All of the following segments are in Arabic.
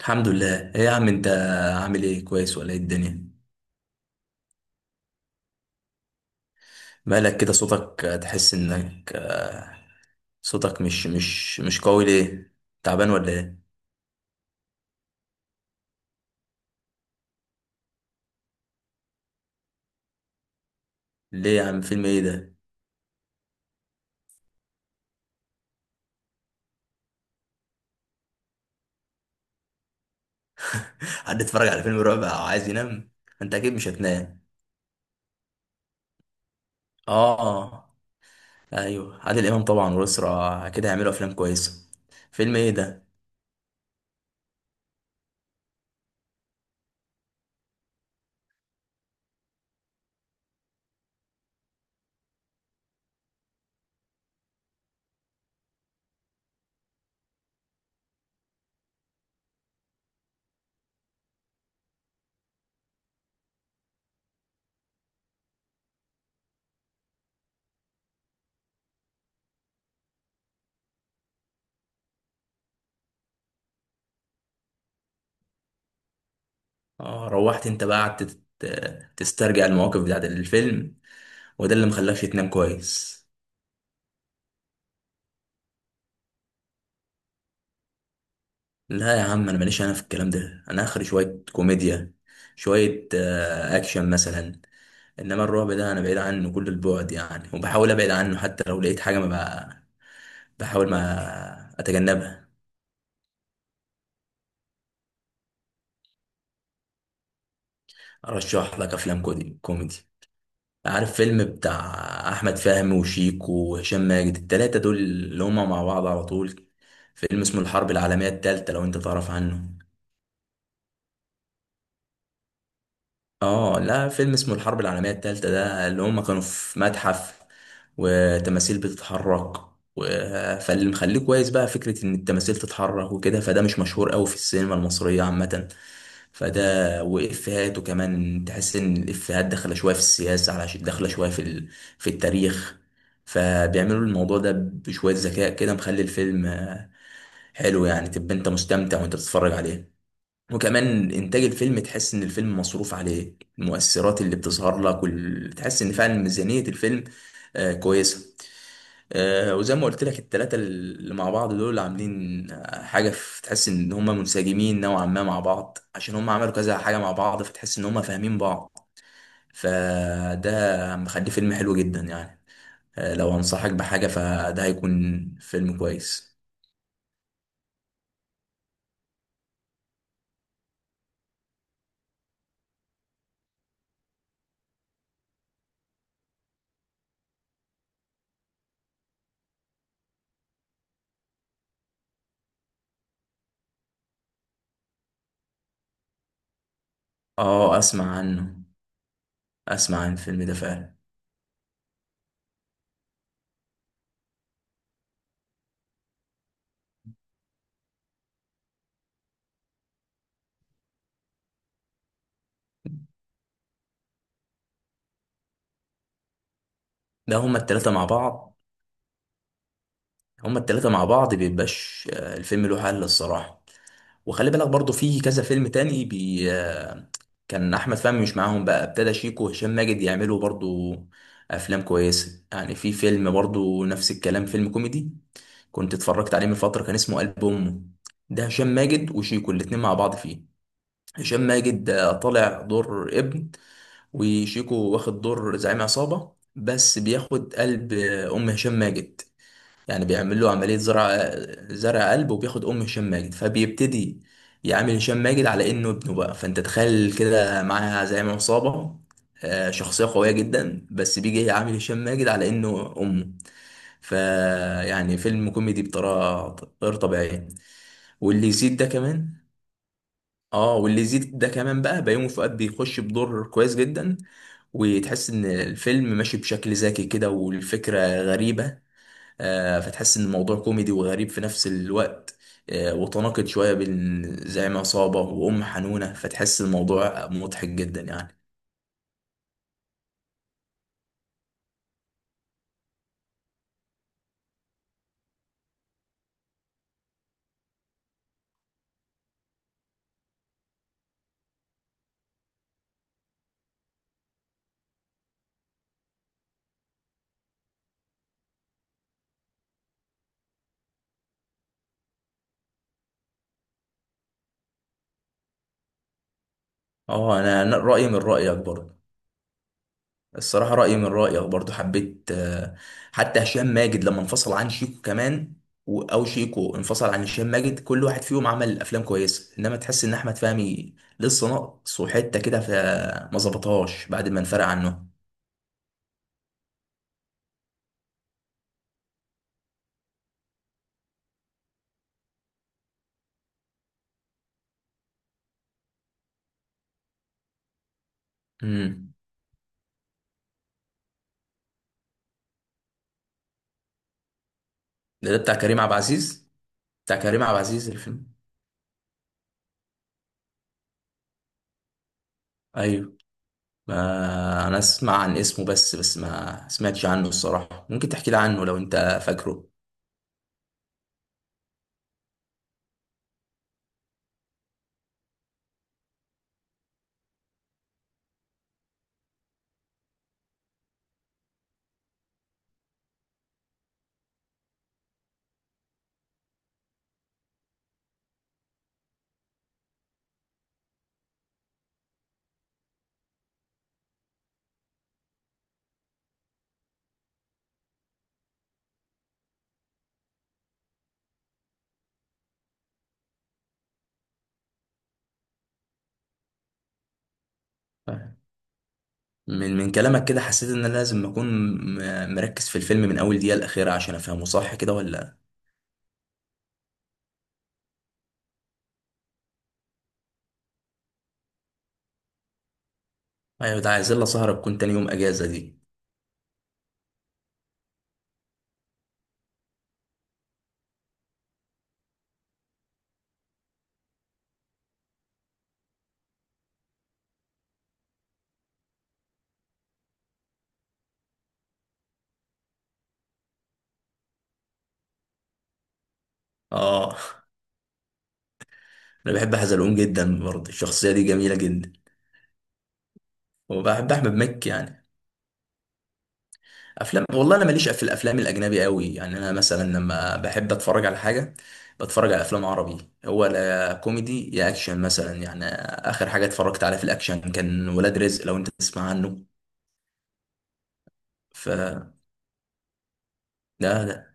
الحمد لله. ايه يا عم انت، عامل ايه؟ كويس ولا ايه الدنيا؟ مالك كده؟ صوتك تحس انك صوتك مش قوي، ليه؟ تعبان ولا ايه؟ ليه يا عم؟ فيلم ايه ده؟ حد اتفرج على فيلم رعب او عايز ينام؟ انت اكيد مش هتنام. اه، ايوه عادل امام طبعا، والاسره كده هيعملوا افلام كويسه. فيلم ايه ده؟ اه، روحت انت بقى قعدت تسترجع المواقف بتاعت الفيلم، وده اللي مخلاكش تنام كويس. لا يا عم، انا ماليش انا في الكلام ده، انا اخري شويه كوميديا، شويه اكشن مثلا. انما الرعب ده انا بعيد عنه كل البعد يعني، وبحاول ابعد عنه حتى لو لقيت حاجه ما، بقى بحاول ما اتجنبها. ارشح لك افلام كوميدي كوميدي. عارف فيلم بتاع احمد فهمي وشيكو وهشام ماجد، التلاتة دول اللي هما مع بعض على طول؟ فيلم اسمه الحرب العالميه التالتة، لو انت تعرف عنه. اه، لا فيلم اسمه الحرب العالمية التالتة، ده اللي هم كانوا في متحف، وتماثيل بتتحرك و... فاللي مخليه كويس بقى فكرة ان التماثيل تتحرك وكده، فده مش مشهور قوي في السينما المصرية عامة. فده وإفيهاته كمان، تحس ان الإفيهات داخلة شوية في السياسة، علشان داخلة شوية في التاريخ. فبيعملوا الموضوع ده بشوية ذكاء كده، مخلي الفيلم حلو يعني، تبقى انت مستمتع وانت بتتفرج عليه. وكمان انتاج الفيلم، تحس ان الفيلم مصروف عليه، المؤثرات اللي بتظهر لك تحس ان فعلا ميزانية الفيلم كويسة. وزي ما قلت لك التلاتة اللي مع بعض دول عاملين حاجة، تحس ان هم منسجمين نوعا ما مع بعض، عشان هم عملوا كذا حاجة مع بعض، فتحس ان هم فاهمين بعض. فده مخليه فيلم حلو جدا يعني. لو انصحك بحاجة، فده هيكون فيلم كويس. اه، اسمع عنه. اسمع عن الفيلم ده فعلا. ده هما التلاتة مع بعض، بيبقاش الفيلم له حل الصراحة. وخلي بالك برضو في كذا فيلم تاني بي آه، كان أحمد فهمي مش معاهم، بقى ابتدى شيكو وهشام ماجد يعملوا برضو أفلام كويسة يعني. في فيلم برضو نفس الكلام، فيلم كوميدي كنت اتفرجت عليه من فترة، كان اسمه قلب أمه، ده هشام ماجد وشيكو الاتنين مع بعض فيه. هشام ماجد طالع دور ابن، وشيكو واخد دور زعيم عصابة، بس بياخد قلب أم هشام ماجد. يعني بيعمل له عملية زرع، زرع قلب، وبياخد أم هشام ماجد، فبيبتدي يعامل هشام ماجد على إنه ابنه بقى. فأنت تخيل كده معاه زعيم عصابة، شخصية قوية جدا، بس بيجي يعامل هشام ماجد على إنه أمه. فيعني فيلم كوميدي بطريقة غير طبيعية. واللي يزيد ده كمان، اه واللي يزيد ده كمان بقى بيومي فؤاد بيخش بدور كويس جدا، وتحس ان الفيلم ماشي بشكل ذكي كده، والفكرة غريبة. فتحس ان الموضوع كوميدي وغريب في نفس الوقت. وتناقض شويه بين زعيم عصابه وام حنونه، فتحس الموضوع مضحك جدا يعني. اه، انا رايي من رايك برضه. الصراحه رايي من رايك برضه، حبيت حتى هشام ماجد لما انفصل عن شيكو كمان، او شيكو انفصل عن هشام ماجد، كل واحد فيهم عمل افلام كويسه. انما تحس ان احمد فهمي لسه ناقص وحته كده، فما ظبطهاش بعد ما انفرق عنه. امم ده بتاع كريم عبد العزيز. بتاع كريم عبد العزيز الفيلم؟ ايوه. ما انا اسمع عن اسمه، بس ما سمعتش عنه الصراحة، ممكن تحكي لي عنه لو انت فاكره؟ من كلامك كده، حسيت ان انا لازم اكون مركز في الفيلم من اول دقيقة الاخيرة عشان افهمه صح كده، ولا؟ ايوه، ده عايزين لها سهرة تكون تاني يوم اجازة دي. اه. انا بحب حزلقوم جدا برضه، الشخصية دي جميلة جدا. وبحب احمد مكي يعني. افلام والله، انا ماليش في الافلام الاجنبي قوي يعني. انا مثلا لما بحب اتفرج على حاجه، بتفرج على افلام عربي، هو لا كوميدي يا اكشن مثلا يعني. اخر حاجه اتفرجت عليها في الاكشن كان ولاد رزق، لو انت تسمع عنه. ف ده,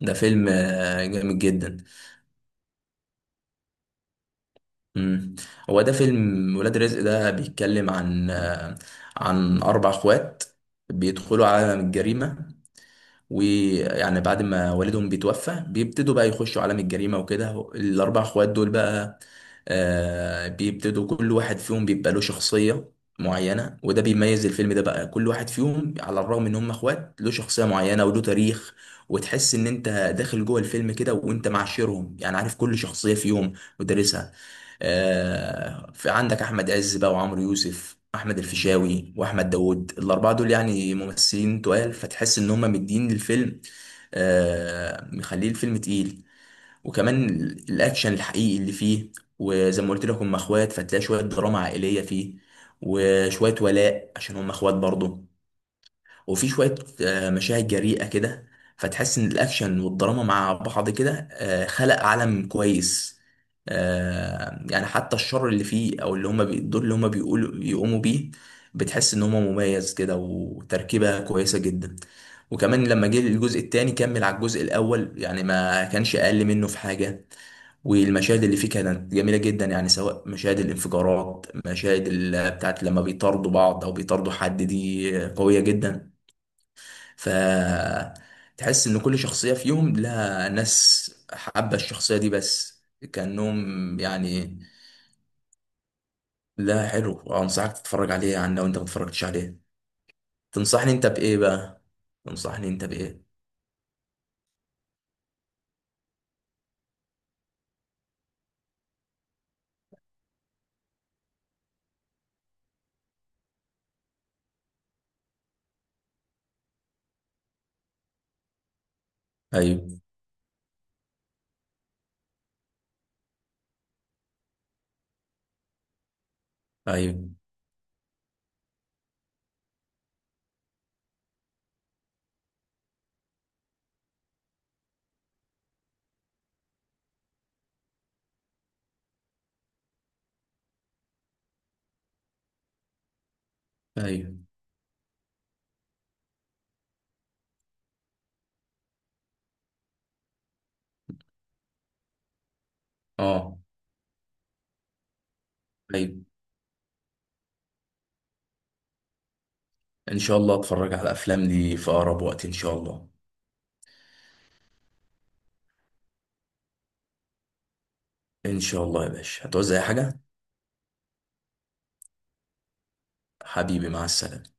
ده فيلم جامد جدا. مم. هو ده فيلم ولاد رزق، ده بيتكلم عن اربع اخوات بيدخلوا عالم الجريمه. ويعني بعد ما والدهم بيتوفى بيبتدوا بقى يخشوا عالم الجريمة وكده، الأربع اخوات دول بقى بيبتدوا كل واحد فيهم بيبقى له شخصية معينة، وده بيميز الفيلم ده بقى، كل واحد فيهم على الرغم ان هم اخوات له شخصية معينة وله تاريخ. وتحس ان انت داخل جوه الفيلم كده، وانت معاشرهم يعني، عارف كل شخصية فيهم ودارسها. في عندك احمد عز بقى، وعمرو يوسف، احمد الفيشاوي، واحمد داوود، الاربعه دول يعني ممثلين تقال، فتحس ان هم مدين للفيلم، مخليه الفيلم تقيل. وكمان الاكشن الحقيقي اللي فيه، وزي ما قلت لك هم اخوات، فتلاقي شويه دراما عائليه فيه، وشويه ولاء عشان هم اخوات برضه. وفي شوية مشاهد جريئة كده، فتحس إن الأكشن والدراما مع بعض كده خلق عالم كويس. يعني حتى الشر اللي فيه، أو اللي هما الدور اللي هما بيقولوا بيقوموا بيه، بتحس إن هما مميز كده وتركيبة كويسة جدا. وكمان لما جه الجزء التاني، كمل على الجزء الأول، يعني ما كانش أقل منه في حاجة. والمشاهد اللي فيه كانت جميلة جدا، يعني سواء مشاهد الانفجارات، مشاهد بتاعت لما بيطاردوا بعض أو بيطاردوا حد، دي قوية جدا. فتحس ان كل شخصية فيهم لها ناس حابة الشخصية دي، بس كأنهم يعني. لا حلو، انصحك تتفرج عليه يعني لو انت ما اتفرجتش عليه. تنصحني انت بايه بقى؟ تنصحني انت بايه ايوه، ايوه، ايوه، اه، ايوه. ان شاء الله اتفرج على الافلام دي في اقرب وقت، ان شاء الله. ان شاء الله يا باشا، هتعوز اي حاجة؟ حبيبي، مع السلامة.